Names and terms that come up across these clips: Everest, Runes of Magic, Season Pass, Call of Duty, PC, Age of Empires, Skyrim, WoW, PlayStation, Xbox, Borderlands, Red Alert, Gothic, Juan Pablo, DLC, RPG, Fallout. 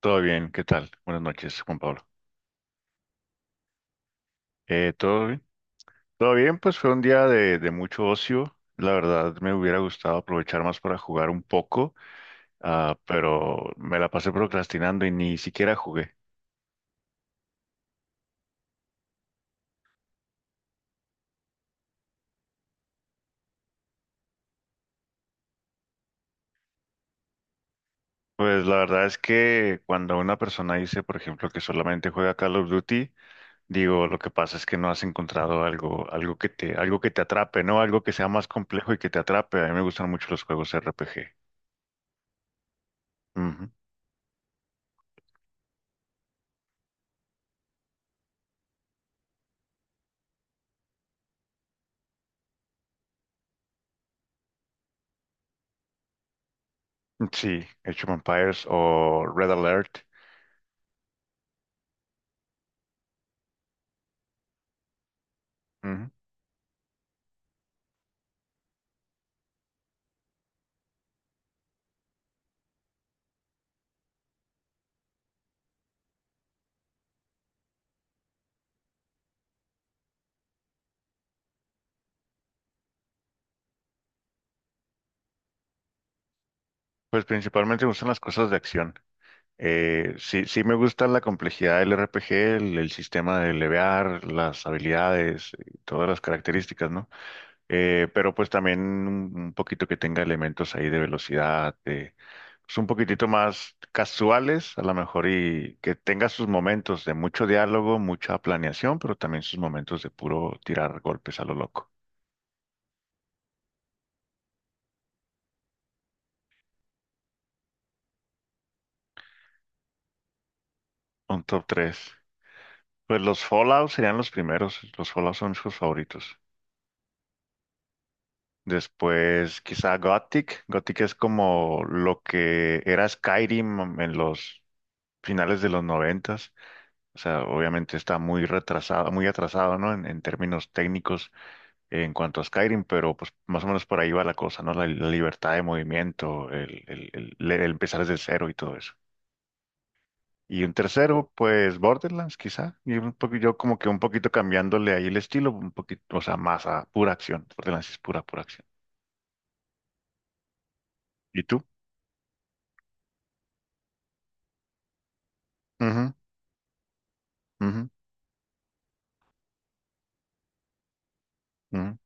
Todo bien, ¿qué tal? Buenas noches, Juan Pablo. ¿Todo bien? Todo bien, pues fue un día de mucho ocio. La verdad me hubiera gustado aprovechar más para jugar un poco, pero me la pasé procrastinando y ni siquiera jugué. Pues la verdad es que cuando una persona dice, por ejemplo, que solamente juega Call of Duty, digo, lo que pasa es que no has encontrado algo, algo que te atrape, ¿no? Algo que sea más complejo y que te atrape. A mí me gustan mucho los juegos RPG. Ujú. Sí, Age of Empires o Red Alert. Ujú. Pues principalmente me gustan las cosas de acción. Sí, me gusta la complejidad del RPG, el sistema de levear, las habilidades y todas las características, ¿no? Pero pues también un poquito que tenga elementos ahí de velocidad, de, pues un poquitito más casuales, a lo mejor, y que tenga sus momentos de mucho diálogo, mucha planeación, pero también sus momentos de puro tirar golpes a lo loco. Un top tres. Pues los Fallout serían los primeros. Los Fallout son sus favoritos. Después, quizá Gothic. Gothic es como lo que era Skyrim en los finales de los noventas. O sea, obviamente está muy retrasado, muy atrasado, ¿no? En términos técnicos en cuanto a Skyrim, pero pues más o menos por ahí va la cosa, ¿no? La libertad de movimiento, el empezar desde cero y todo eso. Y un tercero, pues Borderlands, quizá. Y un poco, yo como que un poquito cambiándole ahí el estilo, un poquito, o sea, más a pura acción. Borderlands es pura acción. ¿Y tú? Ujú, ujú. Mm.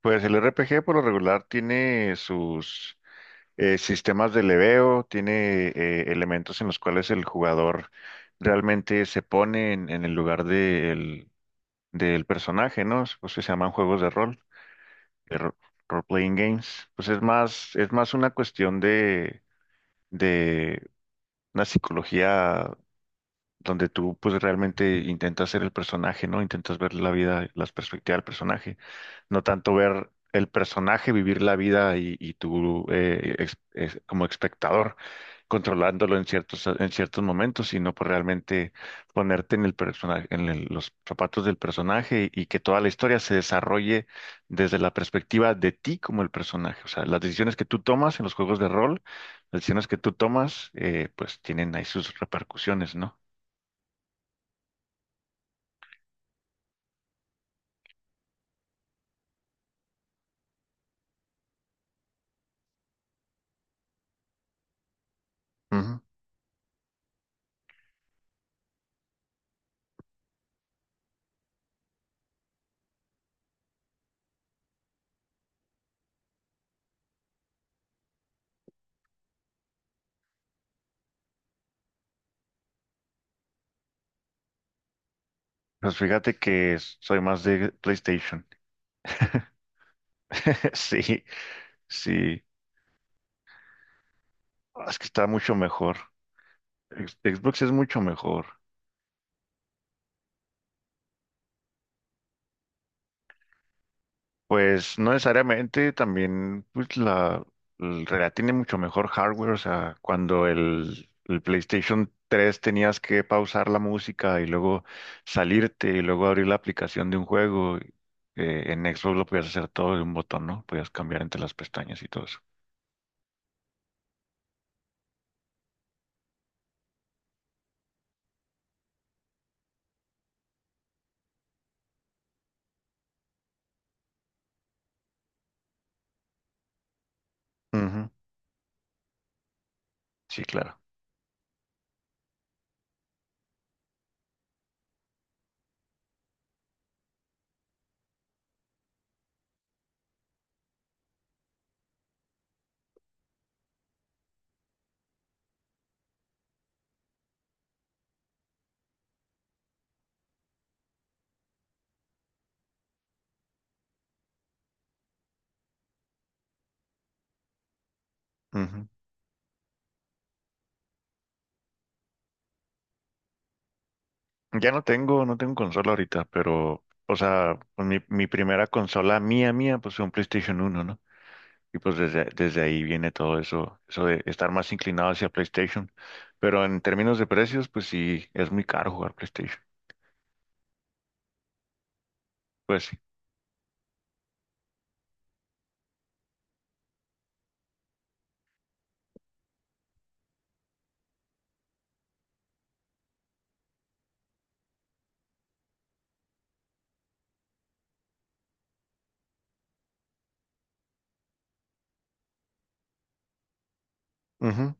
Pues el RPG por lo regular tiene sus sistemas de leveo, tiene elementos en los cuales el jugador realmente se pone en el lugar del personaje, ¿no? Pues se llaman juegos de rol, de ro- role-playing games. Pues es más una cuestión de una psicología donde tú pues realmente intentas ser el personaje, ¿no? Intentas ver la vida, las perspectivas del personaje, no tanto ver el personaje, vivir la vida y tú como espectador controlándolo en ciertos momentos, sino por realmente ponerte en el personaje, los zapatos del personaje y que toda la historia se desarrolle desde la perspectiva de ti como el personaje. O sea, las decisiones que tú tomas en los juegos de rol, las decisiones que tú tomas, pues tienen ahí sus repercusiones, ¿no? Ujú. Pues fíjate que soy más de PlayStation. Sí, sí. Ah, es que está mucho mejor. Xbox es mucho mejor. Pues no necesariamente, también pues tiene mucho mejor hardware. O sea, cuando el PlayStation tres tenías que pausar la música y luego salirte y luego abrir la aplicación de un juego. En Xbox lo podías hacer todo de un botón, ¿no? Podías cambiar entre las pestañas y todo eso. Ujú. Sí, claro. Ya no tengo, no tengo consola ahorita, pero, o sea, pues mi primera consola mía, pues fue un PlayStation uno, ¿no? Y pues desde ahí viene todo eso, eso de estar más inclinado hacia PlayStation. Pero en términos de precios, pues sí, es muy caro jugar PlayStation. Pues sí. Ujú,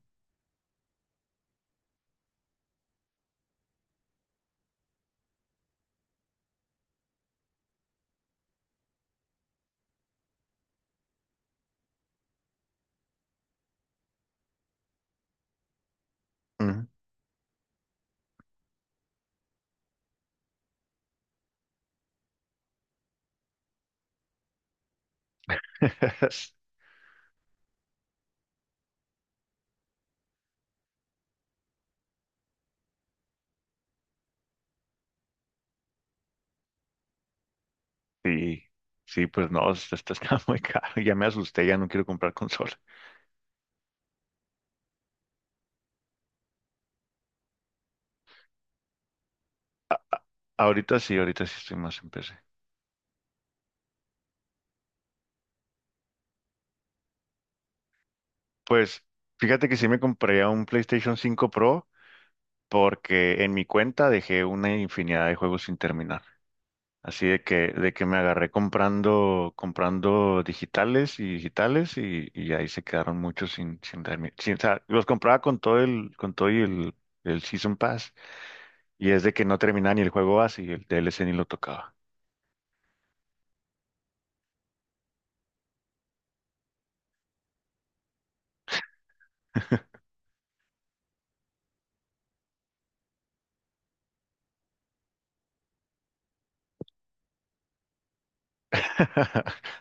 ujú. Sí, sí, pues no, esto está muy caro. Ya me asusté, ya no quiero comprar consola. Ahorita sí estoy más en PC. Pues fíjate que sí me compré un PlayStation cinco Pro porque en mi cuenta dejé una infinidad de juegos sin terminar. Así de que me agarré comprando digitales y digitales y ahí se quedaron muchos sin, sin, termi- sin- o sea, los compraba con todo con todo y el Season Pass, y es de que no terminaba ni el juego base y el DLC ni lo tocaba.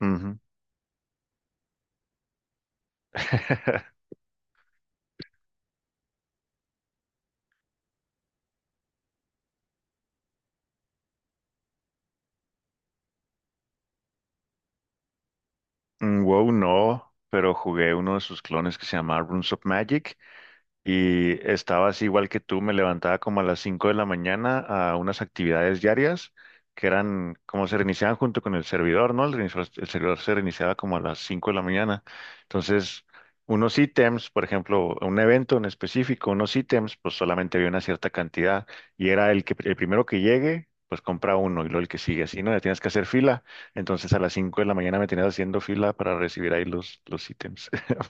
Ujú. Mm, WoW no, pero jugué uno de sus clones que se llama Runes of Magic. Y estabas igual que tú, me levantaba como a las 5 de la mañana a unas actividades diarias que eran como se reiniciaban junto con el servidor, ¿no? El servidor se reiniciaba como a las 5 de la mañana. Entonces, unos ítems, por ejemplo, un evento en específico, unos ítems, pues solamente había una cierta cantidad y era el que el primero que llegue, pues compra uno y luego el que sigue así, ¿no? Ya tienes que hacer fila. Entonces, a las 5 de la mañana me tenías haciendo fila para recibir ahí los ítems.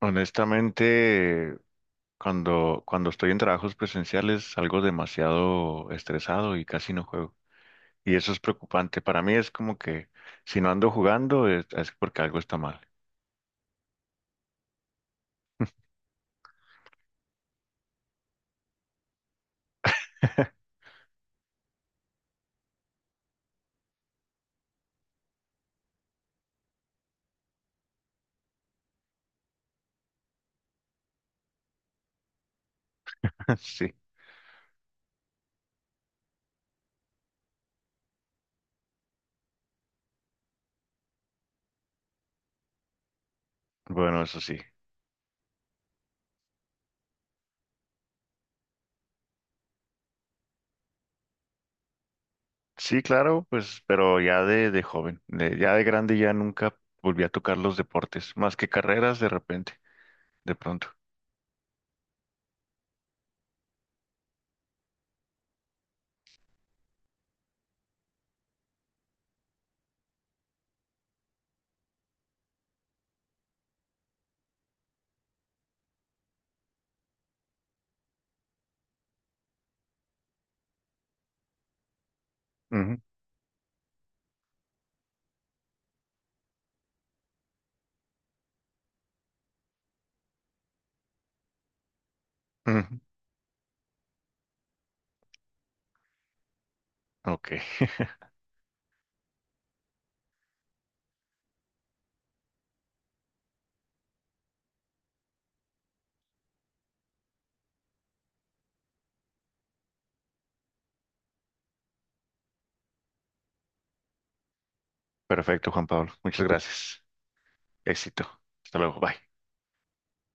Honestamente, cuando estoy en trabajos presenciales salgo demasiado estresado y casi no juego. Y eso es preocupante. Para mí es como que si no ando jugando es porque algo está mal. Sí, bueno, eso sí. Sí, claro, pues, pero ya de joven, ya de grande ya nunca volví a tocar los deportes, más que carreras de repente, de pronto. Ujú, ujú. Ok, perfecto, Juan Pablo. Muchas gracias. Éxito. Hasta luego. Bye.